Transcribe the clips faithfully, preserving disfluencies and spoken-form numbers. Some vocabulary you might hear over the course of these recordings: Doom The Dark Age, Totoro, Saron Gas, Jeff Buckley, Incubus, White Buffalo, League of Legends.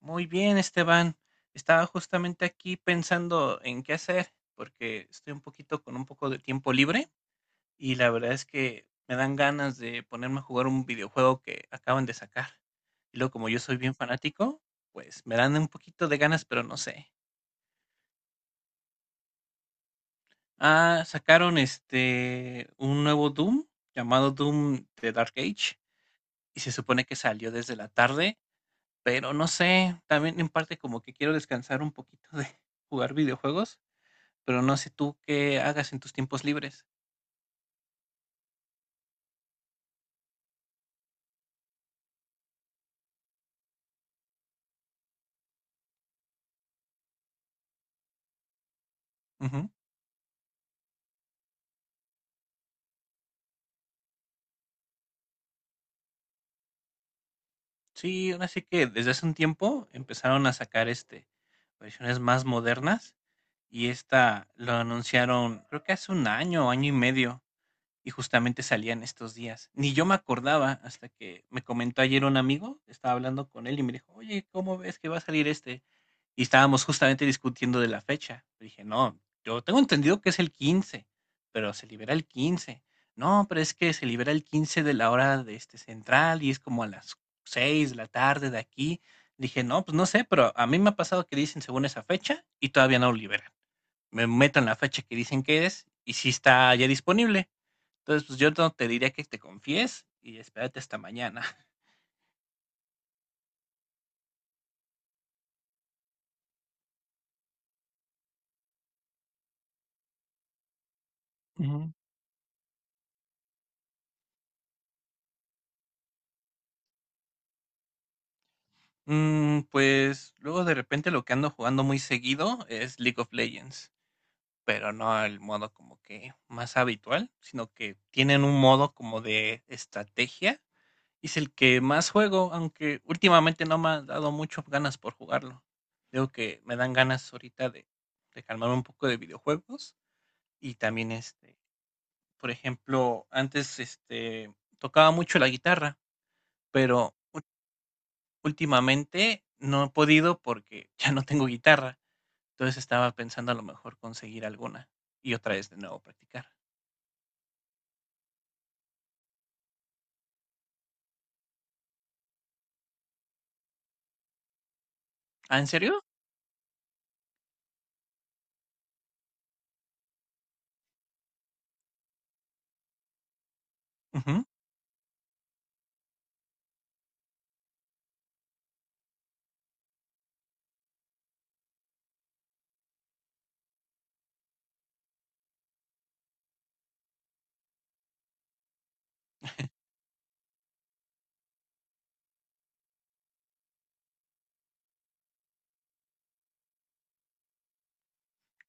Muy bien, Esteban. Estaba justamente aquí pensando en qué hacer, porque estoy un poquito con un poco de tiempo libre y la verdad es que me dan ganas de ponerme a jugar un videojuego que acaban de sacar. Y luego, como yo soy bien fanático, pues me dan un poquito de ganas, pero no sé. Ah, sacaron este un nuevo Doom llamado Doom The Dark Age y se supone que salió desde la tarde, pero no sé, también en parte como que quiero descansar un poquito de jugar videojuegos. Pero no sé tú qué hagas en tus tiempos libres. Ujú. Sí, ahora sí que desde hace un tiempo empezaron a sacar, este, versiones más modernas, y esta lo anunciaron, creo que hace un año, año y medio. Y justamente salían estos días. Ni yo me acordaba hasta que me comentó ayer un amigo, estaba hablando con él y me dijo, oye, ¿cómo ves que va a salir este? Y estábamos justamente discutiendo de la fecha. Le dije, no, yo tengo entendido que es el quince, pero se libera el quince. No, pero es que se libera el quince de la hora de este central y es como a las seis de la tarde de aquí. Dije, no, pues no sé, pero a mí me ha pasado que dicen según esa fecha y todavía no lo liberan. Me meto en la fecha que dicen que es y si está ya disponible. Entonces, pues, yo no te diría que te confíes y espérate hasta mañana. Ujú. Mm, pues, luego de repente lo que ando jugando muy seguido es League of Legends, pero no el modo como que más habitual, sino que tienen un modo como de estrategia. Y es el que más juego, aunque últimamente no me ha dado mucho ganas por jugarlo. Digo que me dan ganas ahorita de, de calmar un poco de videojuegos. Y también este, por ejemplo, antes este tocaba mucho la guitarra. Pero últimamente no he podido porque ya no tengo guitarra. Entonces estaba pensando a lo mejor conseguir alguna y otra vez de nuevo practicar. ¿Ah, en serio? Ujú.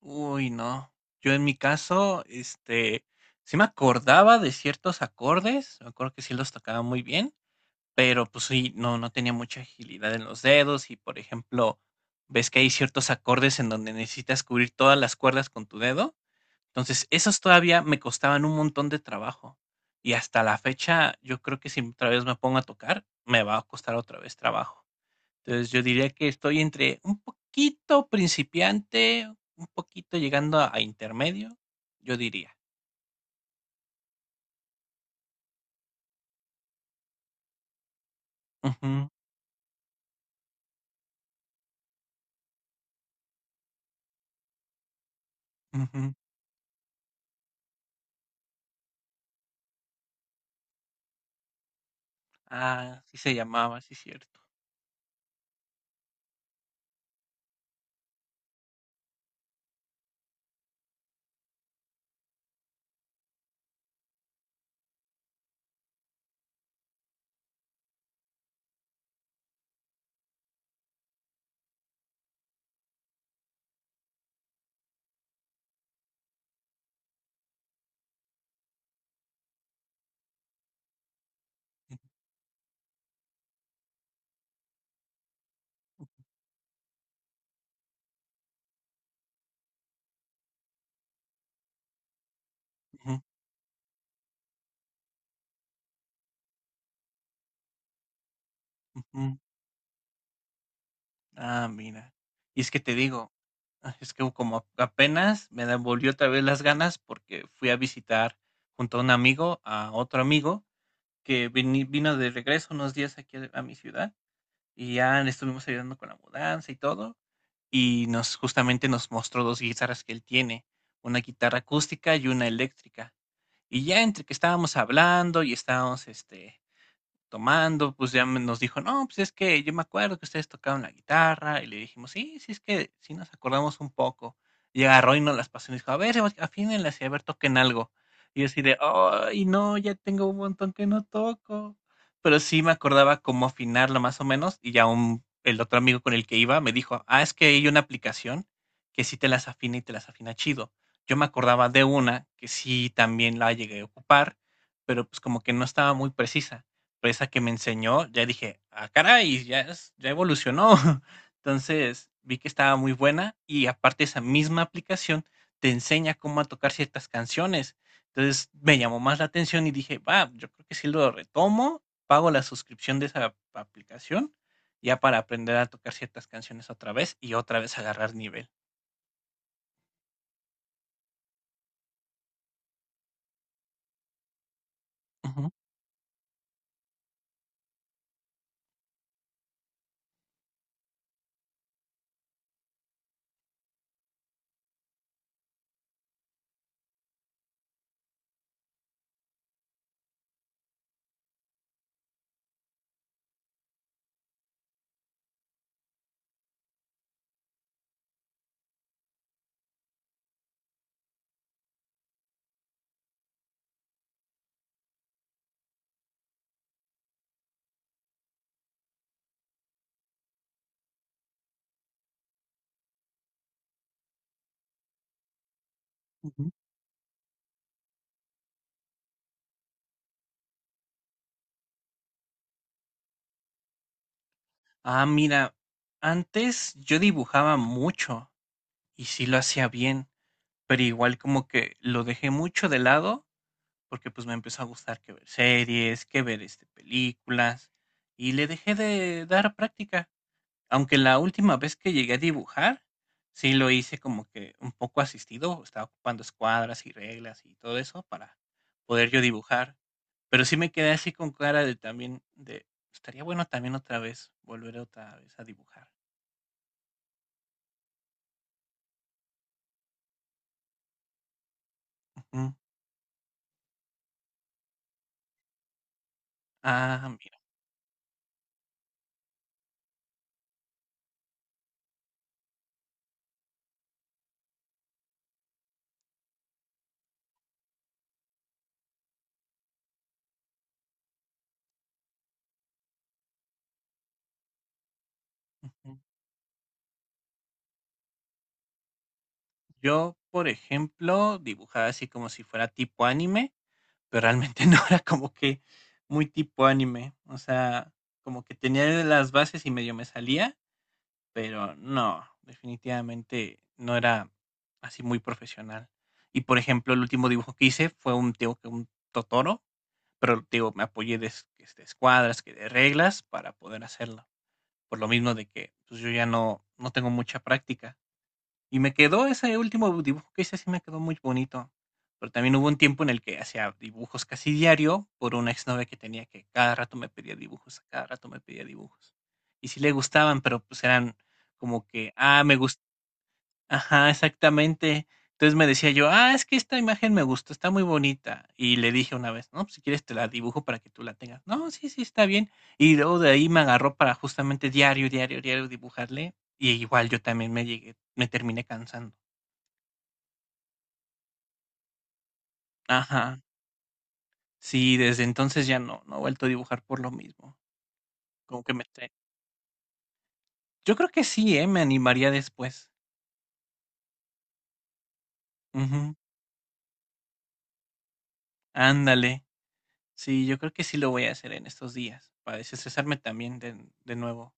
Uy, no. Yo en mi caso, este, sí me acordaba de ciertos acordes, me acuerdo que sí los tocaba muy bien, pero pues sí, no, no tenía mucha agilidad en los dedos y, por ejemplo, ves que hay ciertos acordes en donde necesitas cubrir todas las cuerdas con tu dedo. Entonces, esas todavía me costaban un montón de trabajo. Y hasta la fecha, yo creo que si otra vez me pongo a tocar, me va a costar otra vez trabajo. Entonces, yo diría que estoy entre un poquito principiante, un poquito llegando a, a intermedio, yo diría. Ujú, ujú. Ah, sí se llamaba, sí es cierto. Ujú, ujú. Ah, mira. Y es que te digo, ah, es que como apenas me devolvió otra vez las ganas porque fui a visitar junto a un amigo, a otro amigo, que vini vino de regreso unos días aquí a a mi ciudad, y ya le estuvimos ayudando con la mudanza y todo, y nos justamente nos mostró dos guitarras que él tiene, una guitarra acústica y una eléctrica. Y ya entre que estábamos hablando y estábamos, este, tomando, pues, ya me nos dijo: "No, pues, es que yo me acuerdo que ustedes tocaban la guitarra", y le dijimos: "Sí, sí, es que sí nos acordamos un poco", y agarró y nos las pasó y nos dijo: "A ver, afínenlas y a ver, toquen algo", y yo así de: "Ay, no, ya tengo un montón que no toco", pero sí me acordaba cómo afinarla más o menos, y ya un el otro amigo con el que iba me dijo: "Ah, es que hay una aplicación que sí te las afina y te las afina chido", yo me acordaba de una que sí también la llegué a ocupar, pero, pues, como que no estaba muy precisa. Esa que me enseñó, ya dije: "Ah, caray, ya es ya evolucionó". Entonces, vi que estaba muy buena y aparte esa misma aplicación te enseña cómo a tocar ciertas canciones. Entonces, me llamó más la atención y dije: "Va, yo creo que si lo retomo, pago la suscripción de esa aplicación, ya para aprender a tocar ciertas canciones otra vez y otra vez agarrar nivel". Ujú, ujú. Ah, mira, antes yo dibujaba mucho y sí lo hacía bien. Pero igual como que lo dejé mucho de lado, porque pues me empezó a gustar que ver series, que ver este, películas, y le dejé de dar práctica. Aunque la última vez que llegué a dibujar, sí lo hice como que un poco asistido, estaba ocupando escuadras y reglas y todo eso para poder yo dibujar. Pero sí me quedé así con cara de también, de, estaría bueno también otra vez, volver otra vez a dibujar. Ujú. Ah, mira. Yo, por ejemplo, dibujaba así como si fuera tipo anime, pero realmente no era como que muy tipo anime. O sea, como que tenía las bases y medio me salía, pero no, definitivamente no era así muy profesional. Y, por ejemplo, el último dibujo que hice fue un, digo que un Totoro, pero digo, me apoyé de, es- este, escuadras, que de reglas para poder hacerlo. Por lo mismo de que pues, yo ya no, no tengo mucha práctica. Y me quedó ese último dibujo que hice, sí me quedó muy bonito. Pero también hubo un tiempo en el que hacía dibujos casi diario por una exnovia que tenía que cada rato me pedía dibujos, cada rato me pedía dibujos. Y sí le gustaban, pero pues eran como que, ah, me gusta, ajá, exactamente. Entonces me decía yo, ah, es que esta imagen me gustó, está muy bonita. Y le dije una vez, no, pues si quieres te la dibujo para que tú la tengas. No, sí, sí, está bien. Y luego de ahí me agarró para justamente diario, diario, diario dibujarle. Y igual yo también me llegué, me terminé cansando. Ajá. Sí, desde entonces ya no, no he vuelto a dibujar por lo mismo. Como que me te- Yo creo que sí, ¿eh? Me animaría después. Ujú. Ándale. Sí, yo creo que sí lo voy a hacer en estos días, para desestresarme también de, de nuevo.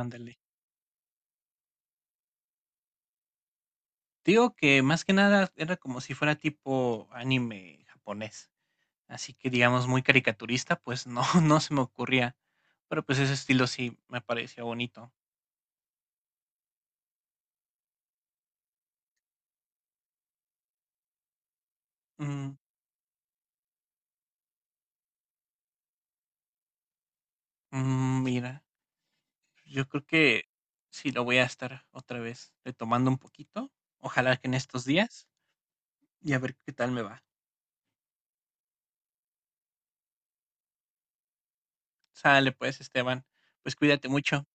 Ándale. Digo que más que nada era como si fuera tipo anime japonés. Así que digamos muy caricaturista, pues no, no se me ocurría. Pero pues ese estilo sí me parecía bonito. Mm, mm, mira. Yo creo que sí lo voy a estar otra vez retomando un poquito. Ojalá que en estos días y a ver qué tal me va. Sale pues, Esteban. Pues cuídate mucho.